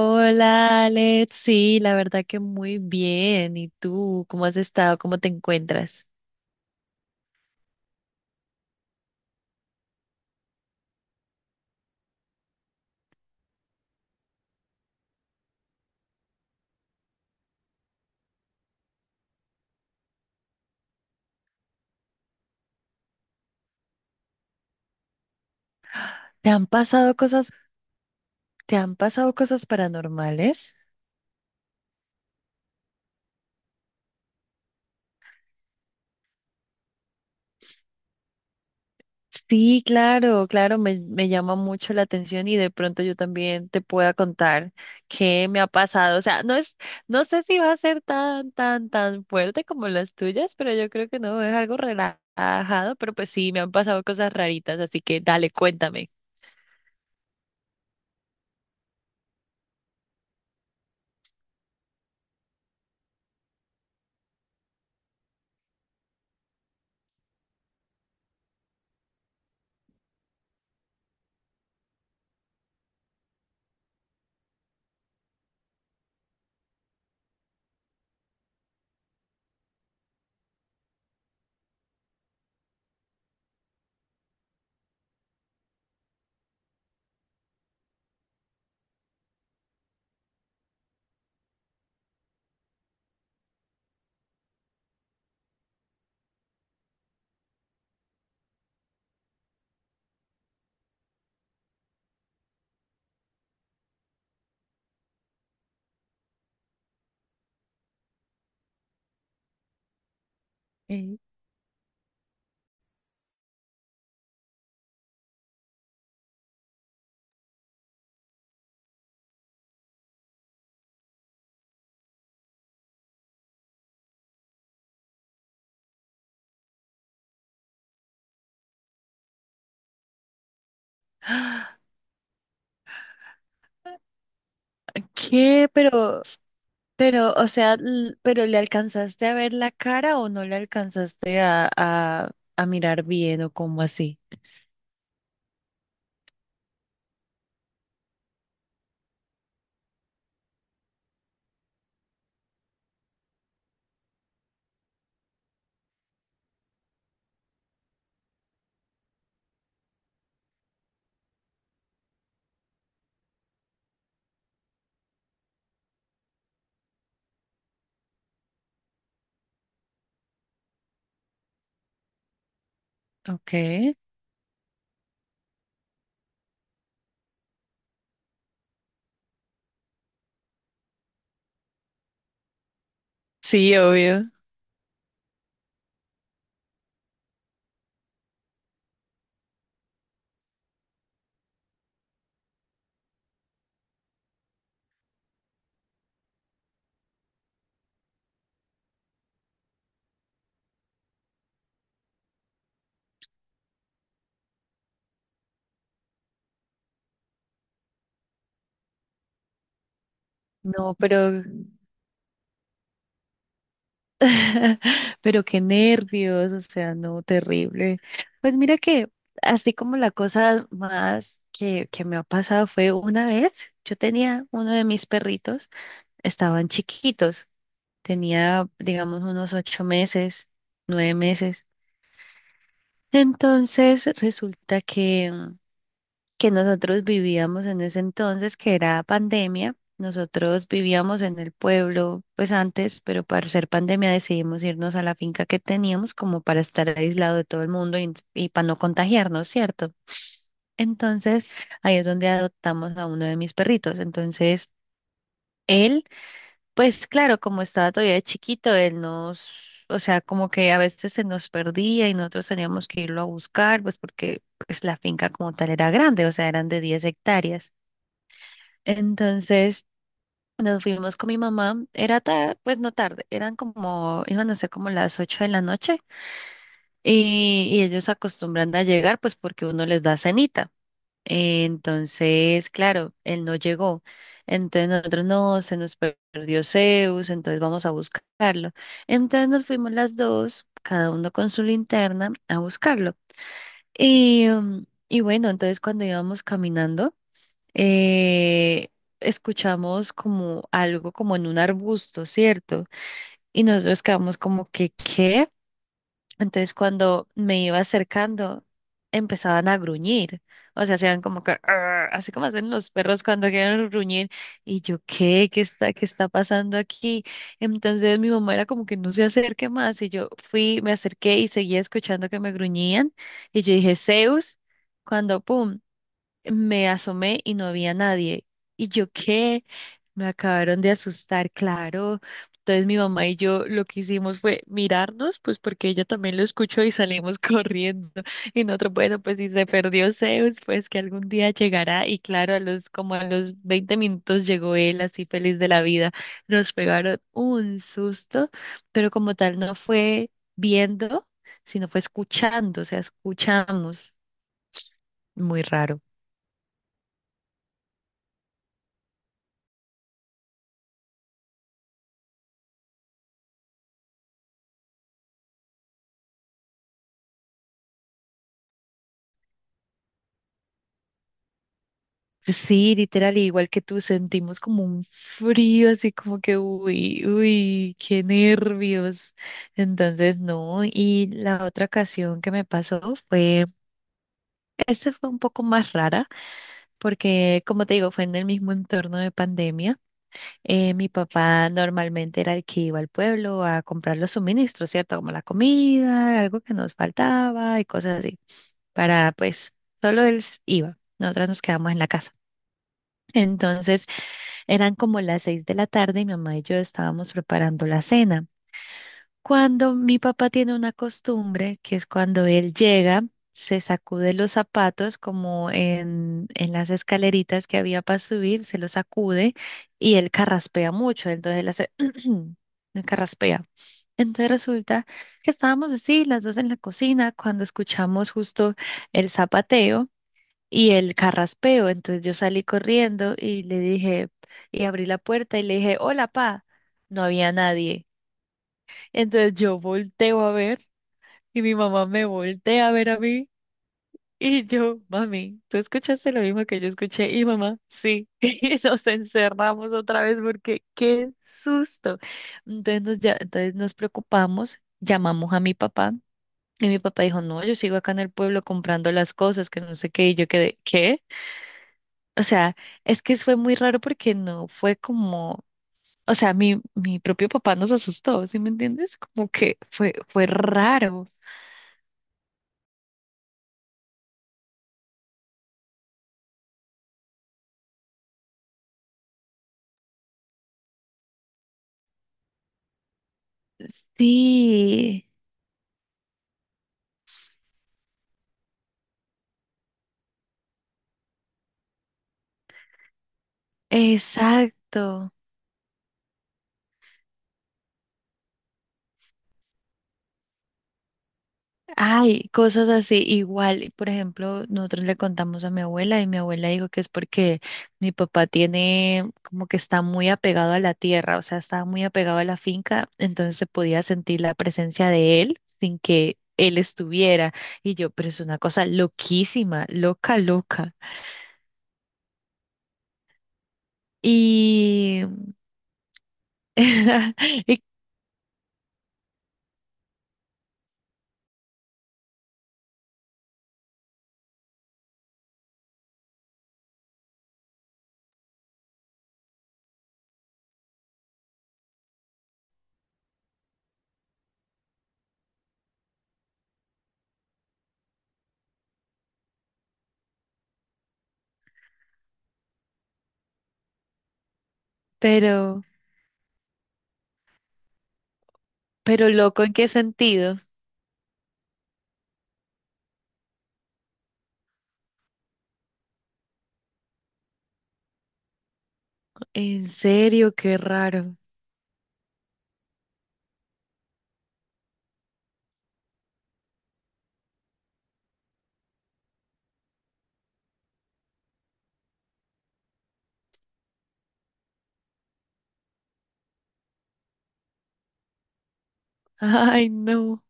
Hola, Alex. Sí, la verdad que muy bien. ¿Y tú? ¿Cómo has estado? ¿Cómo te encuentras? ¿Te han pasado cosas, te han pasado cosas paranormales? Sí, claro, claro, me llama mucho la atención y de pronto yo también te pueda contar qué me ha pasado. O sea, no sé si va a ser tan, tan, tan fuerte como las tuyas, pero yo creo que no, es algo relajado, pero pues sí, me han pasado cosas raritas, así que dale, cuéntame. Eh, ¿Qué? O sea, ¿pero le alcanzaste a ver la cara o no le alcanzaste a mirar bien o como así? Okay. Sí, obvio. No, pero, pero qué nervios, o sea, no, terrible. Pues mira que así como la cosa más que me ha pasado fue una vez, yo tenía uno de mis perritos, estaban chiquitos, tenía, digamos, unos 8 meses, 9 meses. Entonces resulta que que nosotros vivíamos en ese entonces, que era pandemia, nosotros vivíamos en el pueblo, pues antes, pero para ser pandemia decidimos irnos a la finca que teníamos como para estar aislado de todo el mundo y para no contagiarnos, ¿cierto? Entonces ahí es donde adoptamos a uno de mis perritos. Entonces él... Pues claro, como estaba todavía chiquito, él nos, o sea, como que a veces se nos perdía y nosotros teníamos que irlo a buscar, pues porque pues la finca como tal era grande, o sea, eran de 10 hectáreas. Entonces nos fuimos con mi mamá, era tarde, pues no tarde, eran como, iban a ser como las 8 de la noche y ellos acostumbran a llegar pues porque uno les da cenita. Entonces, claro, él no llegó. Entonces nosotros no, se nos perdió Zeus, entonces vamos a buscarlo. Entonces nos fuimos las dos, cada uno con su linterna, a buscarlo. Y, y bueno, entonces cuando íbamos caminando, eh, escuchamos como algo como en un arbusto, ¿cierto? Y nosotros quedamos como que, ¿qué? Entonces cuando me iba acercando, empezaban a gruñir. O sea, hacían como que, "Arr", así como hacen los perros cuando quieren gruñir. Y yo, ¿qué? ¿Qué está pasando aquí? Entonces mi mamá era como que no se acerque más. Y yo fui, me acerqué y seguía escuchando que me gruñían. Y yo dije, Zeus, cuando, pum, me asomé y no había nadie. Y yo, ¿qué? Me acabaron de asustar, claro. Entonces mi mamá y yo lo que hicimos fue mirarnos, pues porque ella también lo escuchó y salimos corriendo. Y nosotros, bueno, pues si se perdió Zeus, pues que algún día llegará. Y claro, a los, como a los 20 minutos llegó él así feliz de la vida. Nos pegaron un susto, pero como tal no fue viendo, sino fue escuchando, o sea, escuchamos. Muy raro. Sí, literal, igual que tú, sentimos como un frío, así como que, uy, uy, qué nervios. Entonces, no, y la otra ocasión que me pasó fue, esta fue un poco más rara, porque como te digo, fue en el mismo entorno de pandemia. Mi papá normalmente era el que iba al pueblo a comprar los suministros, ¿cierto? Como la comida, algo que nos faltaba y cosas así, para pues, solo él iba. Nosotras nos quedamos en la casa. Entonces eran como las 6 de la tarde y mi mamá y yo estábamos preparando la cena. Cuando mi papá tiene una costumbre, que es cuando él llega, se sacude los zapatos como en las escaleritas que había para subir, se los sacude y él carraspea mucho, entonces él hace, él carraspea. Entonces resulta que estábamos así, las dos en la cocina, cuando escuchamos justo el zapateo y el carraspeo. Entonces yo salí corriendo y le dije, y abrí la puerta y le dije, hola, pa. No había nadie. Entonces yo volteo a ver y mi mamá me voltea a ver a mí y yo, mami, ¿tú escuchaste lo mismo que yo escuché? Y mamá, sí. Y nos encerramos otra vez porque qué susto. Entonces nos, ya, entonces nos preocupamos, llamamos a mi papá. Y mi papá dijo, no, yo sigo acá en el pueblo comprando las cosas, que no sé qué, y yo quedé, ¿qué? O sea, es que fue muy raro porque no fue como, o sea, mi propio papá nos asustó, ¿sí me entiendes? Como que fue, fue raro. Sí, exacto. Ay, cosas así, igual, por ejemplo, nosotros le contamos a mi abuela y mi abuela dijo que es porque mi papá tiene como que está muy apegado a la tierra, o sea, está muy apegado a la finca, entonces se podía sentir la presencia de él sin que él estuviera. Y yo, pero es una cosa loquísima, loca, loca. Y, y- pero, pero, loco, ¿en qué sentido? En serio, qué raro. Ay, no.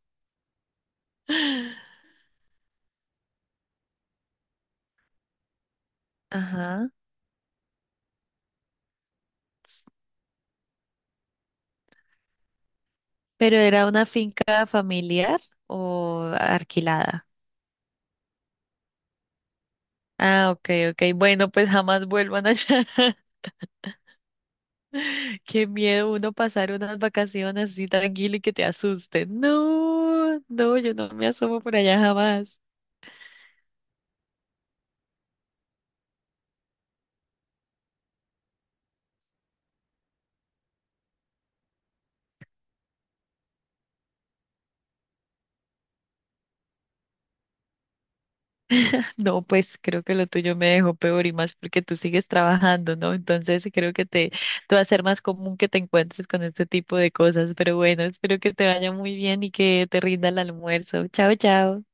Ajá. ¿Pero era una finca familiar o alquilada? Ah, ok, ok. Bueno, pues jamás vuelvan allá. Qué miedo uno pasar unas vacaciones así tranquilo y que te asusten. No, no, yo no me asomo por allá jamás. No, pues creo que lo tuyo me dejó peor y más porque tú sigues trabajando, ¿no? Entonces creo que te va a ser más común que te encuentres con este tipo de cosas. Pero bueno, espero que te vaya muy bien y que te rinda el almuerzo. Chao, chao.